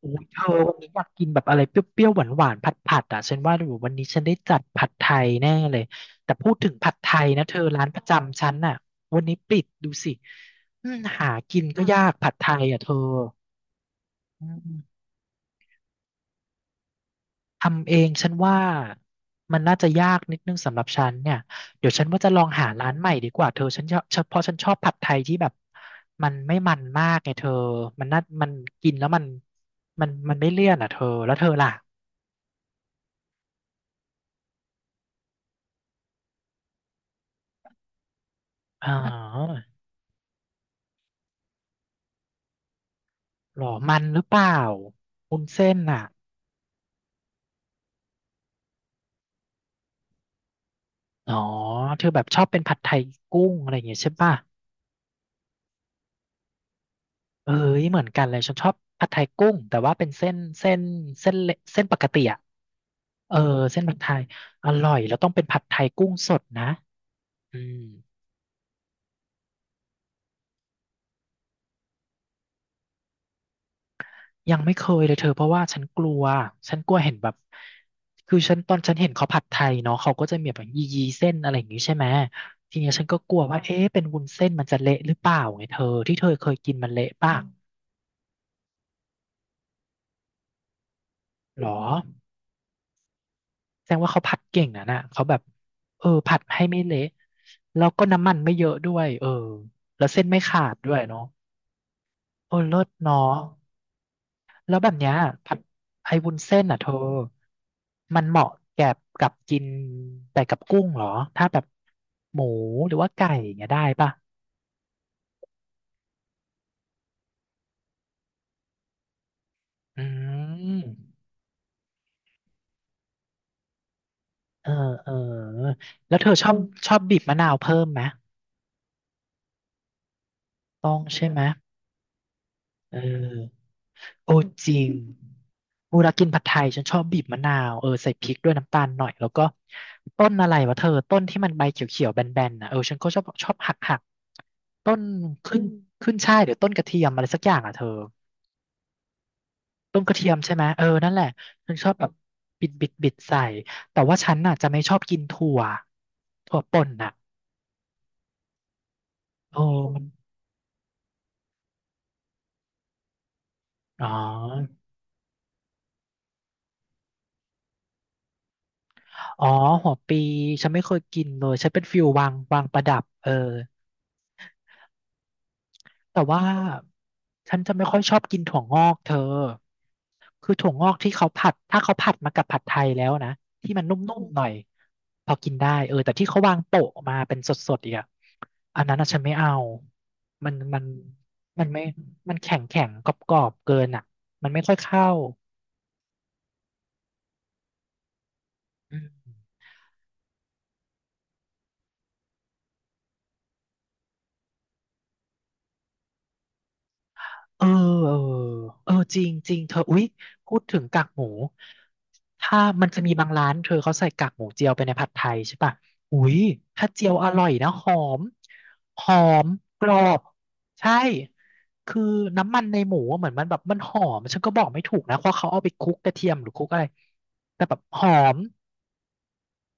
โอ้ยเธอวันนี้อยากกินแบบอะไรเปรี้ยวๆหวานๆผัดๆอ่ะฉันว่าอยู่วันนี้ฉันได้จัดผัดไทยแน่เลยแต่พูดถึงผัดไทยนะเธอร้านประจำฉันน่ะวันนี้ปิดดูสิอืมหากินก็้วยากผัดไทยอ่ะเธออืมทำเองฉันว่ามันน่าจะยากนิดนึงสำหรับฉันเนี่ยเดี๋ยวฉันว่าจะลองหาร้านใหม่ดีกว่าเธอฉันชอบฉันเพราะฉันชอบผัดไทยที่แบบมันมากไงเธอมันน่ามันกินแล้วมันไม่เลี่ยนอ่ะเธอแล้วเธอล่ะอ๋อ หรอมันหรือเปล่าวุ้นเส้นอ่ะอ๋อเธอแบบชอบเป็นผัดไทยกุ้งอะไรอย่างเงี้ยใช่ป่ะเอ้ยเหมือนกันเลยฉันชอบผัดไทยกุ้งแต่ว่าเป็นเส้นเล็กเส้นปกติอ่ะเออเส้นผัดไทยอร่อยแล้วต้องเป็นผัดไทยกุ้งสดนะอืมยังไม่เคยเลยเธอเพราะว่าฉันกลัวฉันกลัวเห็นแบบคือตอนฉันเห็นเขาผัดไทยเนาะเขาก็จะมีแบบยียีเส้นอะไรอย่างงี้ใช่ไหมทีเนี้ยฉันก็กลัวว่าเอ๊ะเป็นวุ้นเส้นมันจะเละหรือเปล่าไงเธอที่เธอเคยกินมันเละป่ะ หรอแสดงว่าเขาผัดเก่งนะน่ะเขาแบบเออผัดให้ไม่เละแล้วก็น้ำมันไม่เยอะด้วยเออแล้วเส้นไม่ขาดด้วยเนาะเออเลิศเนาะแล้วแบบเนี้ยผัดไอ้วุ้นเส้นอ่ะเธอมันเหมาะแก่กับกินแต่กับกุ้งเหรอถ้าแบบหมูหรือว่าไก่อย่างเงี้ยได้ป่ะอืมเออเออแล้วเธอชอบบีบมะนาวเพิ่มไหมต้องใช่ไหมเออ โอ้จริงกูรักกินผัดไทยฉันชอบบีบมะนาวเออใส่พริกด้วยน้ำตาลหน่อยแล้วก็ต้นอะไรวะเธอต้นที่มันใบเขียวๆแบนๆนะเออฉันก็ชอบหักต้นขึ้นขึ้นช่ายหรือต้นกระเทียมอะไรสักอย่างอ่ะเธอต้นกระเทียมใช่ไหมเออนั่นแหละฉันชอบแบบบิดใส่แต่ว่าฉันน่ะจะไม่ชอบกินถั่วป่นน่ะโอ้มันอ๋ออ๋อหัวปีฉันไม่เคยกินเลยฉันเป็นฟิววางวางประดับเออ แต่ว่าฉันจะไม่ค่อยชอบกินถั่วงอกเธอคือถั่วงอกที่เขาผัดถ้าเขาผัดมากับผัดไทยแล้วนะที่มันนุ่มๆหน่อยพอกินได้เออแต่ที่เขาวางโปะมาเป็นสดๆอีกอะอันนั้นอะฉันไม่เอามันมันมันไม่มันแข็งแข็งกรอบๆเกินอะมันไม่ค่อยเข้าอืม เออเออเออจริงจริงเธออุ๊ยพูดถึงกากหมูถ้ามันจะมีบางร้านเธอเขาใส่กากหมูเจียวไปในผัดไทยใช่ปะอุ๊ยถ้าเจียวอร่อยนะหอมกรอบใช่คือน้ำมันในหมูอะเหมือนมันแบบมันหอมฉันก็บอกไม่ถูกนะเพราะเขาเอาไปคลุกกระเทียมหรือคลุกอะไรแต่แบบหอม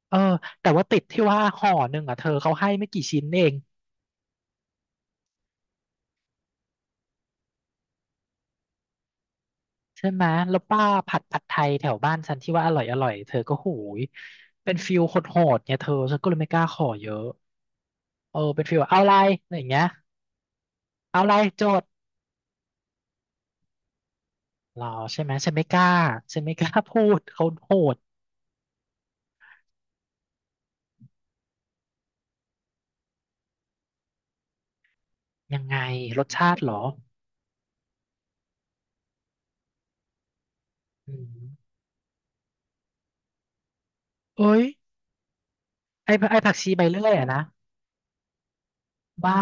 เออแต่ว่าติดที่ว่าห่อหนึ่งอ่ะเธอเขาให้ไม่กี่ชิ้นเอง ใช่ไหมแล้วป้าผัดไทยแถวบ้านฉันที่ว่าอร่อยเธอก็หูยเป็นฟิลโหดๆเนี่ยเธอฉันก็เลยไม่กล้าขอเยอะ เออเป็นฟิลว่าเอาอะไรอะไรอย่างเงี้ยเอาอะไรโจทย์เหรอใช่ไหมฉันไม่กล้าฉันไม่กล้าพูดเขาโหดยังไงรสชาติเหรออืมเอ้ยไอ้ผักชีใบเลื่อยอะนะ บ้า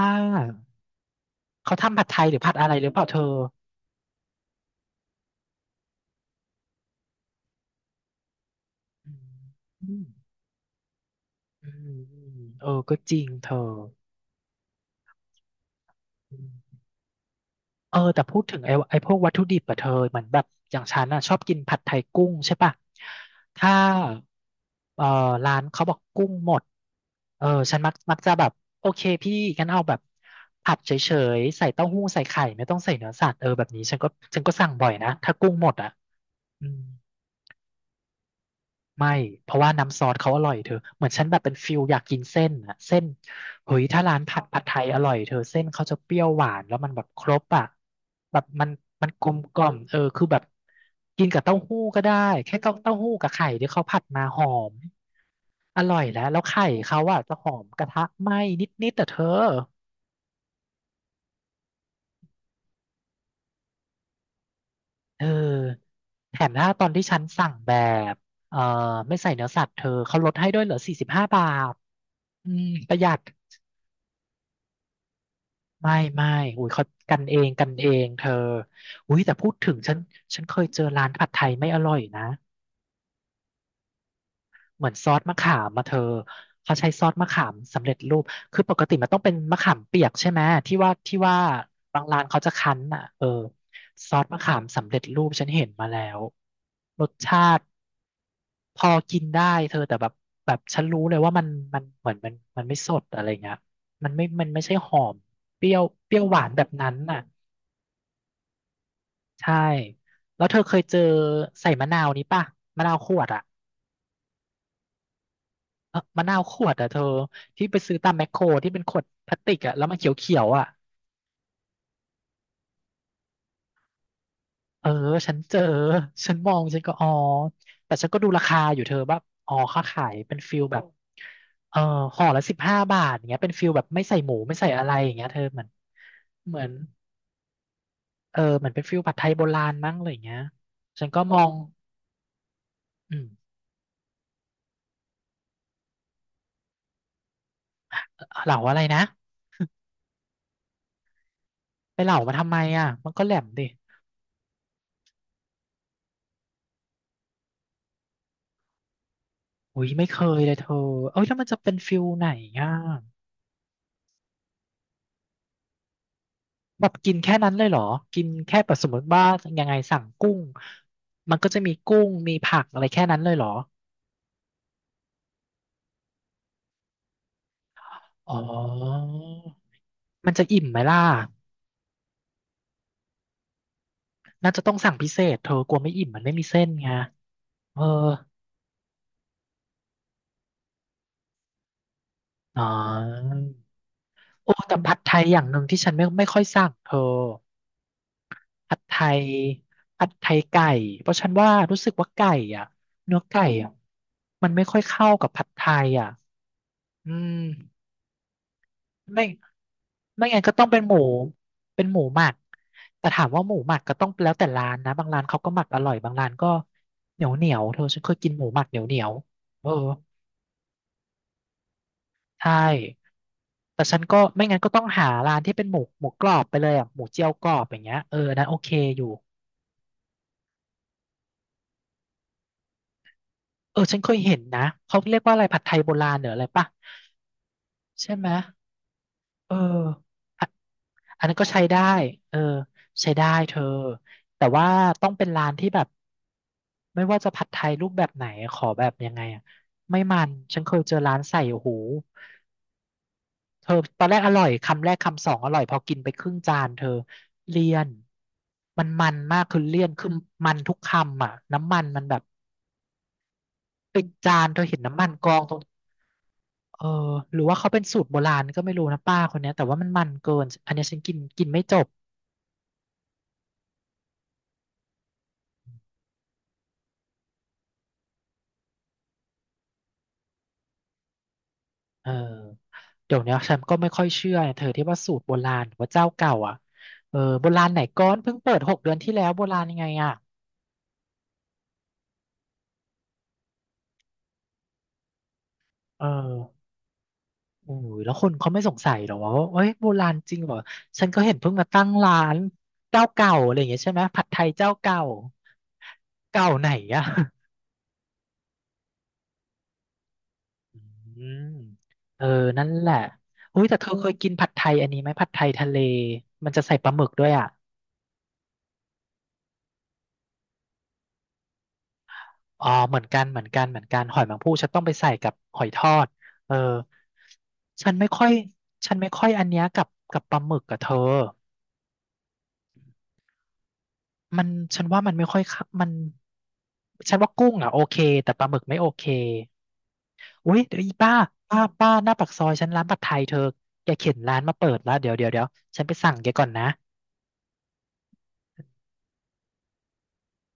เขาทำผัดไทยหรือผัดอะไรหรือเปล่าเธออืมอืมอืมเออก็จริงเธอ เออแต่พูดถึงไอ้พวกวัตถุดิบอะเธอเหมือนแบบอย่างฉันอะชอบกินผัดไทยกุ้งใช่ปะถ้าเออร้านเขาบอกกุ้งหมดเออฉันมักจะแบบโอเคพี่งั้นเอาแบบผัดเฉยๆใส่เต้าหู้ใส่ไข่ไม่ต้องใส่เนื้อสัตว์เออแบบนี้ฉันก็สั่งบ่อยนะถ้ากุ้งหมดอะอืม ไม่ เพราะว่าน้ำซอสเขาอร่อยเธอ เหมือนฉันแบบเป็นฟิลอยากกินเส้นอะเส้นเฮ้ยถ้าร้านผัดไทยอร่อยเธอเส้นเขาจะเปรี้ยวหวานแล้วมันแบบครบอะแบบมันกลมกล่อมเออคือแบบกินกับเต้าหู้ก็ได้แค่เต้าหู้กับไข่ที่เขาผัดมาหอมอร่อยแล้วแล้วไข่เขาอะจะหอมกระทะไหม้นิดๆแต่เธอเออแถมถ้าตอนที่ฉันสั่งแบบเอ่อไม่ใส่เนื้อสัตว์เธอเขาลดให้ด้วยเหลือ45 บาทอืมประหยัด ไม่ไม่อุ้ยเขากันเองกันเองเธออุ้ยแต่พูดถึงฉันฉันเคยเจอร้านผัดไทยไม่อร่อยนะเหมือนซอสมะขามมาเธอเขาใช้ซอสมะขามสำเร็จรูปคือปกติมันต้องเป็นมะขามเปียกใช่ไหมที่ว่าบางร้านเขาจะคั้นอ่ะเออซอสมะขามสำเร็จรูปฉันเห็นมาแล้วรสชาติพอกินได้เธอแต่แบบแบบฉันรู้เลยว่ามันมันเหมือนมันมันไม่สดอะไรเงี้ยมันไม่ใช่หอมเปรี้ยวเปรี้ยวหวานแบบนั้นน่ะ ใช่แล้วเธอเคยเจอใส่มะนาวนี้ป่ะมะนาวขวดอ่ะเออมะนาวขวดอ่ะเธอที่ไปซื้อตามแมคโครที่เป็นขวดพลาสติกอ่ะแล้วมันเขียวๆอ่ะเออฉันเจอฉันมองฉันก็อ๋อแต่ฉันก็ดูราคาอยู่เธอแบบอ๋อเขาขายเป็นฟิลแบบเออห่อละสิบห้าบาทอย่างเงี้ยเป็นฟิลแบบไม่ใส่หมูไม่ใส่อะไรอย่างเงี้ยเธอเหมือนเหมือนเออเหมือนเป็นฟิลผัดไทยโบราณมั้งอะไรอย่างเงี้ยฉันก็มองอืมเหล่าอะไรนะไปเหล่ามาทำไมอ่ะมันก็แหลมดิ อุ้ยไม่เคยเลยเธอเอ้ยแล้วมันจะเป็นฟิลไหนอ่ะแบบกินแค่นั้นเลยเหรอกินแค่แบบสมมติว่ายังไงสั่งกุ้งมันก็จะมีกุ้งมีผักอะไรแค่นั้นเลยเหรออ๋อมันจะอิ่มไหมล่ะน่าจะต้องสั่งพิเศษเธอกลัวไม่อิ่มมันไม่มีเส้นไงเอออ๋อโอ้แต่ผัดไทยอย่างหนึ่งที่ฉันไม่ค่อยสั่งเธอผัดไทยผัดไทยไก่เพราะฉันว่ารู้สึกว่าไก่อ่ะเนื้อไก่อ่ะมันไม่ค่อยเข้ากับผัดไทยอ่ะ อืมไม่ไม่งั้นก็ต้องเป็นหมูเป็นหมูหมักแต่ถามว่าหมูหมักก็ต้องแล้วแต่ร้านนะบางร้านเขาก็หมักอร่อยบางร้านก็เหนียวเหนียวเธอฉันเคยกินหมูหมักเหนียวเหนียวเออใช่แต่ฉันก็ไม่งั้นก็ต้องหาร้านที่เป็นหมูกรอบไปเลยอ่ะหมูเจียวกรอบอย่างเงี้ยเอออันนั้นโอเคอยู่เออฉันเคยเห็นนะเขาเรียกว่าอะไรผัดไทยโบราณหรืออะไรป่ะใช่ไหมเออ อันนั้นก็ใช้ได้เออใช้ได้เธอแต่ว่าต้องเป็นร้านที่แบบไม่ว่าจะผัดไทยรูปแบบไหนขอแบบยังไงอะไม่มันฉันเคยเจอร้านใส่โอ้โหเธอตอนแรกอร่อยคำแรกคำสองอร่อยพอกินไปครึ่งจานเธอเลี่ยนมันมากคือเลี่ยนคือมันทุกคำอ่ะน้ำมันมันแบบเป็นจานเธอเห็นน้ำมันกองตรงเออหรือว่าเขาเป็นสูตรโบราณก็ไม่รู้นะป้าคนเนี้ยแต่ว่ามันมันเกินอันเนี้ยฉันกินกินไม่จบ เออเดี๋ยวเนี้ยฉันก็ไม่ค่อยเชื่อเธอที่ว่าสูตรโบราณหรือว่าเจ้าเก่าอ่ะเออโบราณไหนก้อนเพิ่งเปิด6 เดือนที่แล้วโบราณยังไงอ่ะเออโอ้ยแล้วคนเขาไม่สงสัยหรอว่าเอ้ยโบราณจริงเหรอฉันก็เห็นเพิ่งมาตั้งร้านเจ้าเก่าอะไรอย่างเงี้ยใช่ไหมผัดไทยเจ้าเก่าเก่าไหนอ่ะอืมเออนั่นแหละอุ้ยแต่เธอเคยกินผัดไทยอันนี้ไหมผัดไทยทะเลมันจะใส่ปลาหมึกด้วยอ่ะ อ๋อเหมือนกันเหมือนกันเหมือนกันหอยแมงภู่ฉันต้องไปใส่กับหอยทอดเออฉันไม่ค่อยฉันไม่ค่อยอันเนี้ยกับปลาหมึกกับเธอมันฉันว่ามันไม่ค่อยเข้ามันฉันว่ากุ้งอ่ะโอเคแต่ปลาหมึกไม่โอเคอุ้ยเดี๋ยวอีป้าป้าหน้าปากซอยฉันร้านผัดไทยเธอแกเข็นร้านมาเปิดแล้วเดี๋ยวฉันไปสั่งแกก่อนนะ